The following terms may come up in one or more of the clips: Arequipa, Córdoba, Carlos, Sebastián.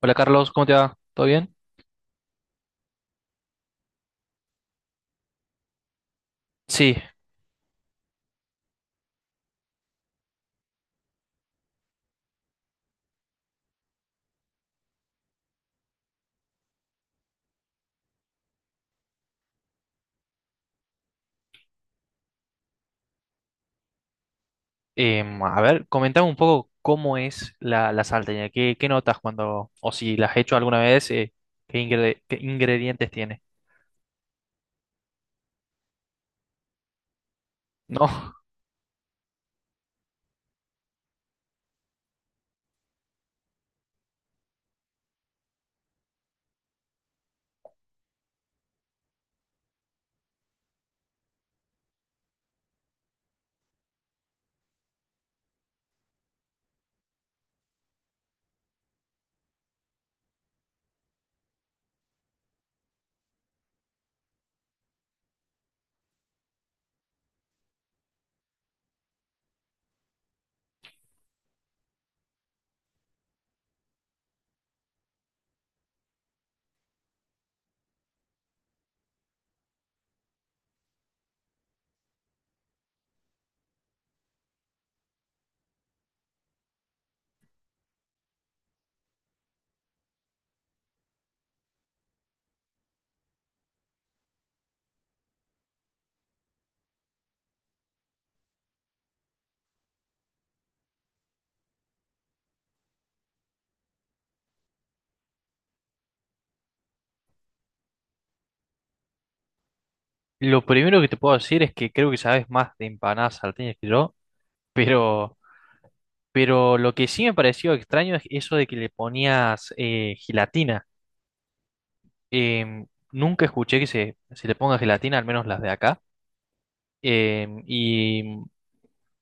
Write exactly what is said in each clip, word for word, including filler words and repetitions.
Hola Carlos, ¿cómo te va? ¿Todo bien? Sí, em, a ver, comentame un poco cómo es la, la salteña, qué, qué notas cuando, o si las has hecho alguna vez, eh, qué, ingre- qué ingredientes tiene. No, lo primero que te puedo decir es que creo que sabes más de empanadas salteñas que yo, pero, pero lo que sí me pareció extraño es eso de que le ponías eh, gelatina. Em, nunca escuché que se, se le ponga gelatina, al menos las de acá. Em, y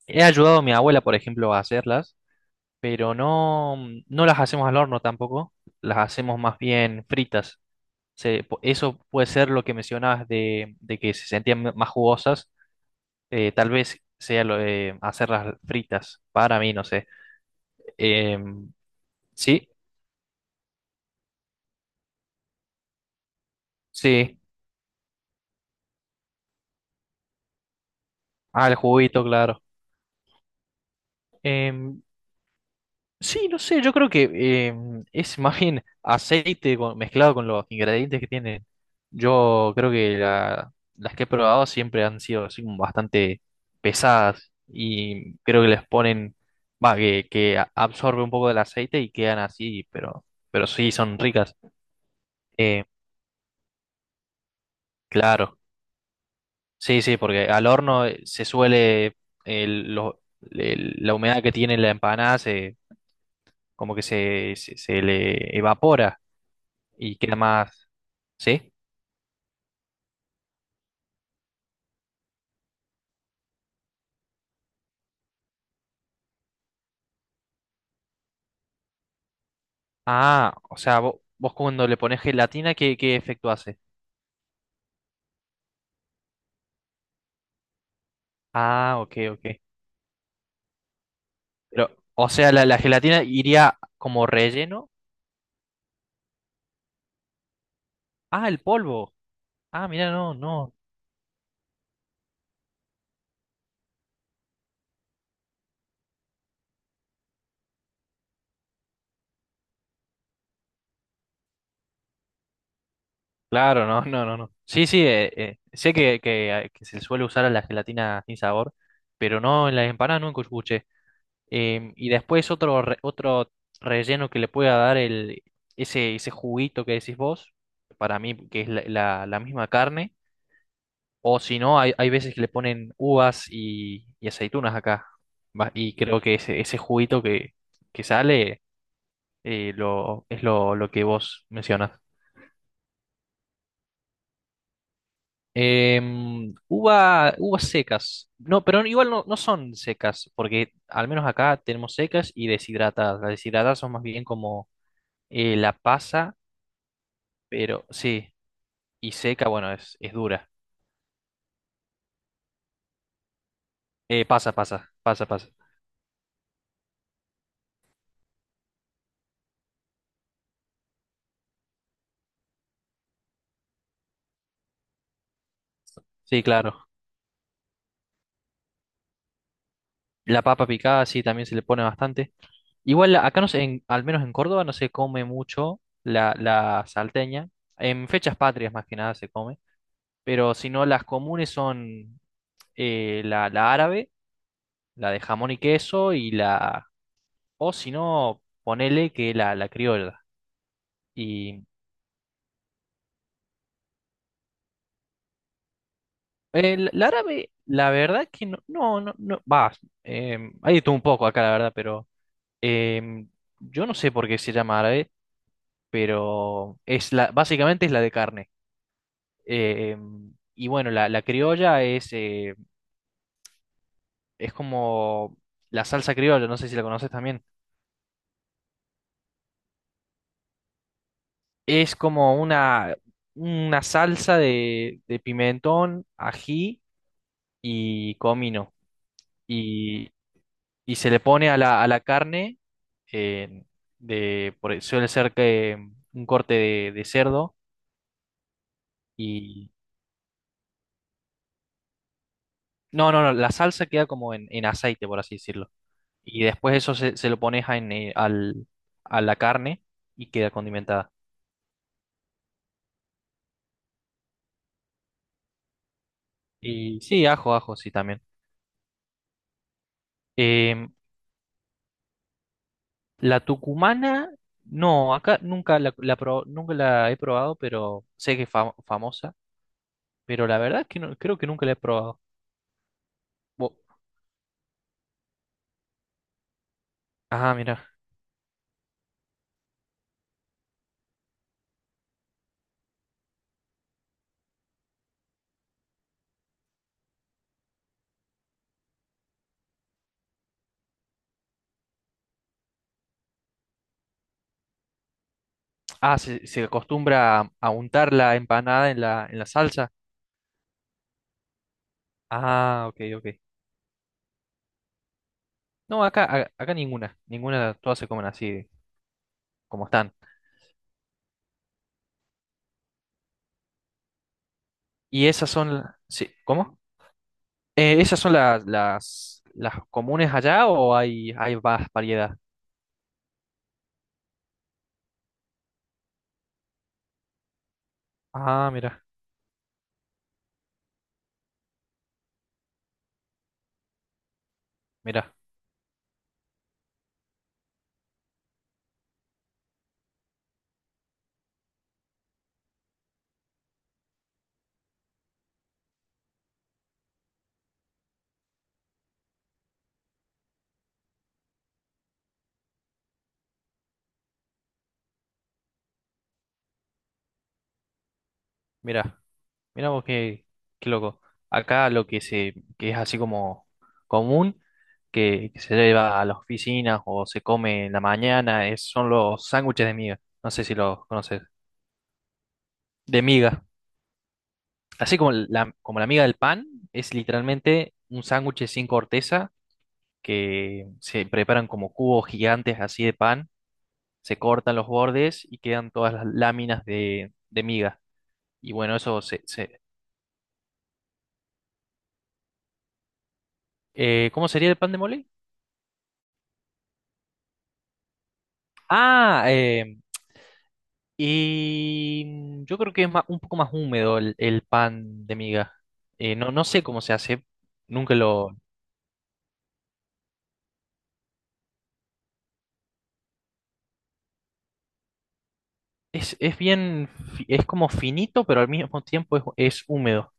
he ayudado a mi abuela, por ejemplo, a hacerlas. Pero no, mm, no las hacemos al horno tampoco, las hacemos más bien fritas. Se- po- eso puede ser lo que mencionabas de, de que se sentían m- más jugosas, eh, tal vez sea lo de hacerlas fritas, para mí, no sé. Em, sí, sí, al juguito, claro. Em, sí, no sé, yo creo que eh, es más bien aceite con- mezclado con los ingredientes que tienen. Yo creo que la- las que he probado siempre han sido así como bastante pesadas y creo que les ponen, va, que, que a- absorbe un poco del aceite y quedan así, pero, pero sí son ricas. Eh, claro, sí, sí, porque al horno eh, se suele, el- lo- el- la humedad que tiene la empanada se, como que se, se se le evapora y queda más. ¿Sí? Ah, o sea, vos, vos cuando le pones gelatina, ¿qué, qué efecto hace? Ah, ok, ok. Pero, o sea, la, la gelatina iría como relleno. Ah, el polvo. Ah, mira, no, no. Claro, no, no, no, no. Sí, sí, eh, eh, sé que, que, eh, que se suele usar a la gelatina sin sabor, pero no en las empanadas, nunca escuché. Em, y después otro, re- otro relleno que le pueda dar el, ese, ese juguito que decís vos, para mí que es la la- la misma carne. O si no, hay, hay veces que le ponen uvas y, y aceitunas acá. Va. Y creo que ese, ese juguito que, que sale eh, lo, es lo, lo que vos mencionas. Em, uva, uvas secas. No, pero igual no, no son secas, porque al menos acá tenemos secas y deshidratadas. Las deshidratadas son más bien como eh, la pasa, pero sí, y seca, bueno, es, es dura. Eh, pasa, pasa, pasa, pasa. Sí, claro. La papa picada, sí, también se le pone bastante. Igual acá no sé, en- al menos en Córdoba no se come mucho la, la salteña. En fechas patrias más que nada se come. Pero si no, las comunes son eh, la, la árabe, la de jamón y queso y la... O si no, ponele que la, la criolla. Y el, la árabe, la verdad que no, no, no, no- va. em, hay tú un poco acá, la verdad, pero em, yo no sé por qué se llama árabe, pero es la, básicamente es la de carne. Eh, y bueno, la, la criolla es, eh, es como la salsa criolla, no sé si la conoces también. Es como una, una salsa de, de pimentón, ají y comino. Y, y se le pone a la, a la carne, eh, de, por- suele ser que un corte de, de cerdo. Y no, no, no, la salsa queda como en, en aceite, por así decirlo. Y después eso se, se lo pones a, en, eh, al, a la carne y queda condimentada. Y sí, ajo, ajo, sí, también. Em, la tucumana, no, acá nunca la, la pro- nunca la he probado, pero sé que es fam- famosa, pero la verdad es que no, creo que nunca la he probado. Bo- ah, mira. Ah, se, se acostumbra a, a untar la empanada en la, en la salsa. Ah, ok, ok. No, acá, a- acá ninguna, ninguna, todas se comen así como están. Y esas son, la- sí, ¿cómo? Eh, ¿esas son las, las, las comunes allá o hay, hay más variedad? Ah, mira, mira, mira, mira vos qué, qué loco. Acá lo que se, que es así como común, que, que se lleva a las oficinas o se come en la mañana, es- son los sándwiches de miga. No sé si los conoces. De miga. Así como la, como la miga del pan, es literalmente un sándwich sin corteza que se preparan como cubos gigantes así de pan, se cortan los bordes y quedan todas las láminas de, de miga. Y bueno, eso se... se- eh, ¿cómo sería el pan de mole? Ah, eh, y mm, yo creo que es ma- un poco más húmedo el, el pan de miga. Eh, no, no sé cómo se hace, nunca lo... Es, es bien, fi- es como finito, pero al mismo tiempo es, es húmedo.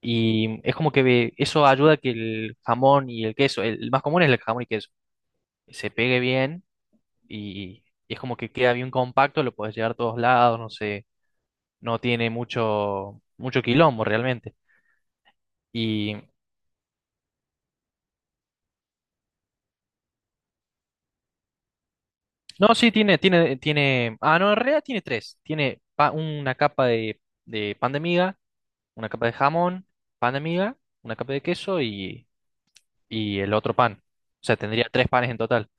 Y es como que ve- eso ayuda a que el jamón y el queso, el, el más común es el jamón y queso, se pegue bien y, y es como que queda bien compacto, lo puedes llevar a todos lados, no sé, no tiene mucho, mucho quilombo realmente. Y no, sí, tiene, tiene, tiene, ah, no, en realidad tiene tres. Tiene pa- una capa de, de pan de miga, una capa de jamón, pan de miga, una capa de queso y, y el otro pan. O sea, tendría tres panes en total.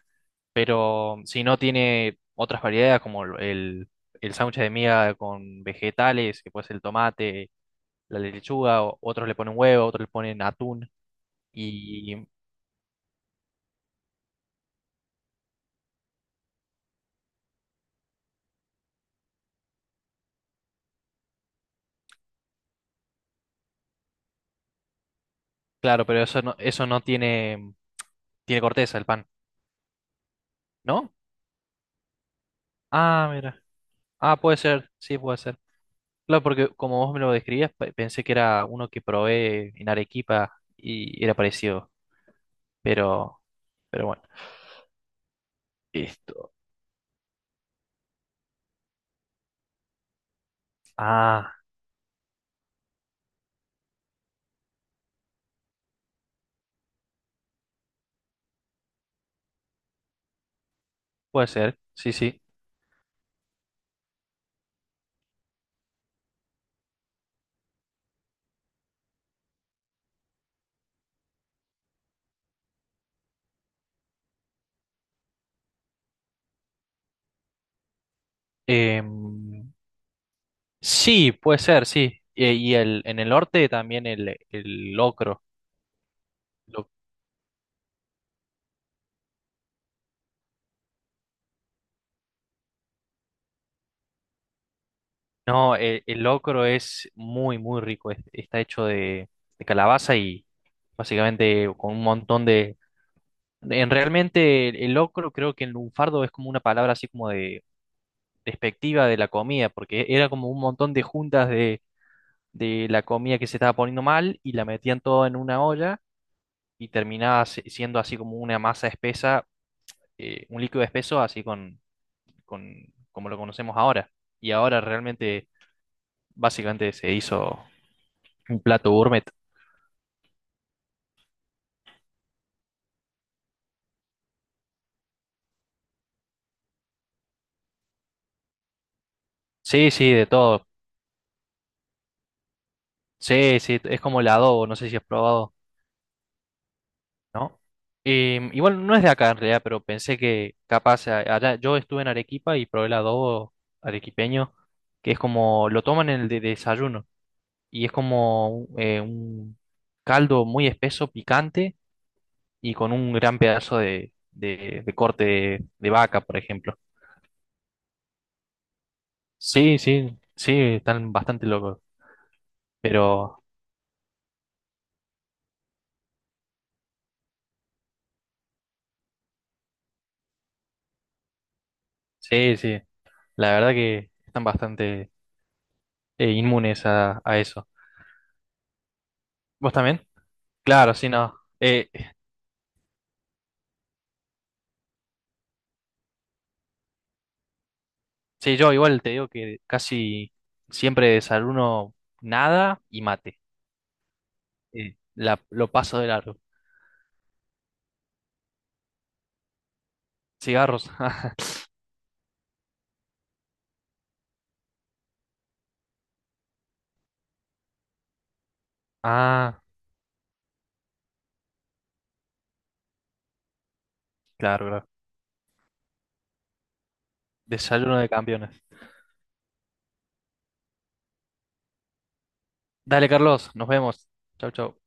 Pero si no tiene otras variedades como el, el el sándwich de miga con vegetales, que puede ser el tomate, la lechuga, o- otros le ponen huevo, otros le ponen atún. Y claro, pero eso no, eso no tiene, tiene corteza el pan, ¿no? Ah, mira. Ah, puede ser, sí, puede ser. Claro, porque como vos me lo describías, pe- pensé que era uno que probé en Arequipa y era parecido, pero, pero bueno, esto. Ah, puede ser, sí, sí. Em, sí, puede ser, sí. Y, y el, en el norte también el, el locro. No, el, el locro es muy, muy rico. es- Está hecho de, de calabaza y básicamente con un montón de... En realmente el, el locro creo que en lunfardo es como una palabra así como de despectiva de la comida, porque era como un montón de juntas de, de la comida que se estaba poniendo mal y la metían todo en una olla y terminaba se- siendo así como una masa espesa, eh, un líquido espeso así con, con como lo conocemos ahora. Y ahora realmente básicamente se hizo un plato gourmet. Sí, sí, de todo. Sí, sí, es como el adobo, no sé si has probado. ¿No? Y, igual no es de acá en realidad, pero pensé que capaz a- allá, yo estuve en Arequipa y probé el adobo arequipeño, que es como, lo toman en el de- desayuno, y es como eh, un caldo muy espeso, picante, y con un gran pedazo de, de, de corte de, de vaca, por ejemplo. Sí, sí, sí, están bastante locos, pero sí, sí, la verdad que están bastante... eh, inmunes a, a eso. ¿Vos también? Claro, sí, no. Eh, sí, yo igual te digo que casi siempre desayuno nada y mate. Eh, la- lo paso de largo. Cigarros. Ah, claro, claro. Desayuno de campeones. Dale, Carlos, nos vemos. Chau, chau.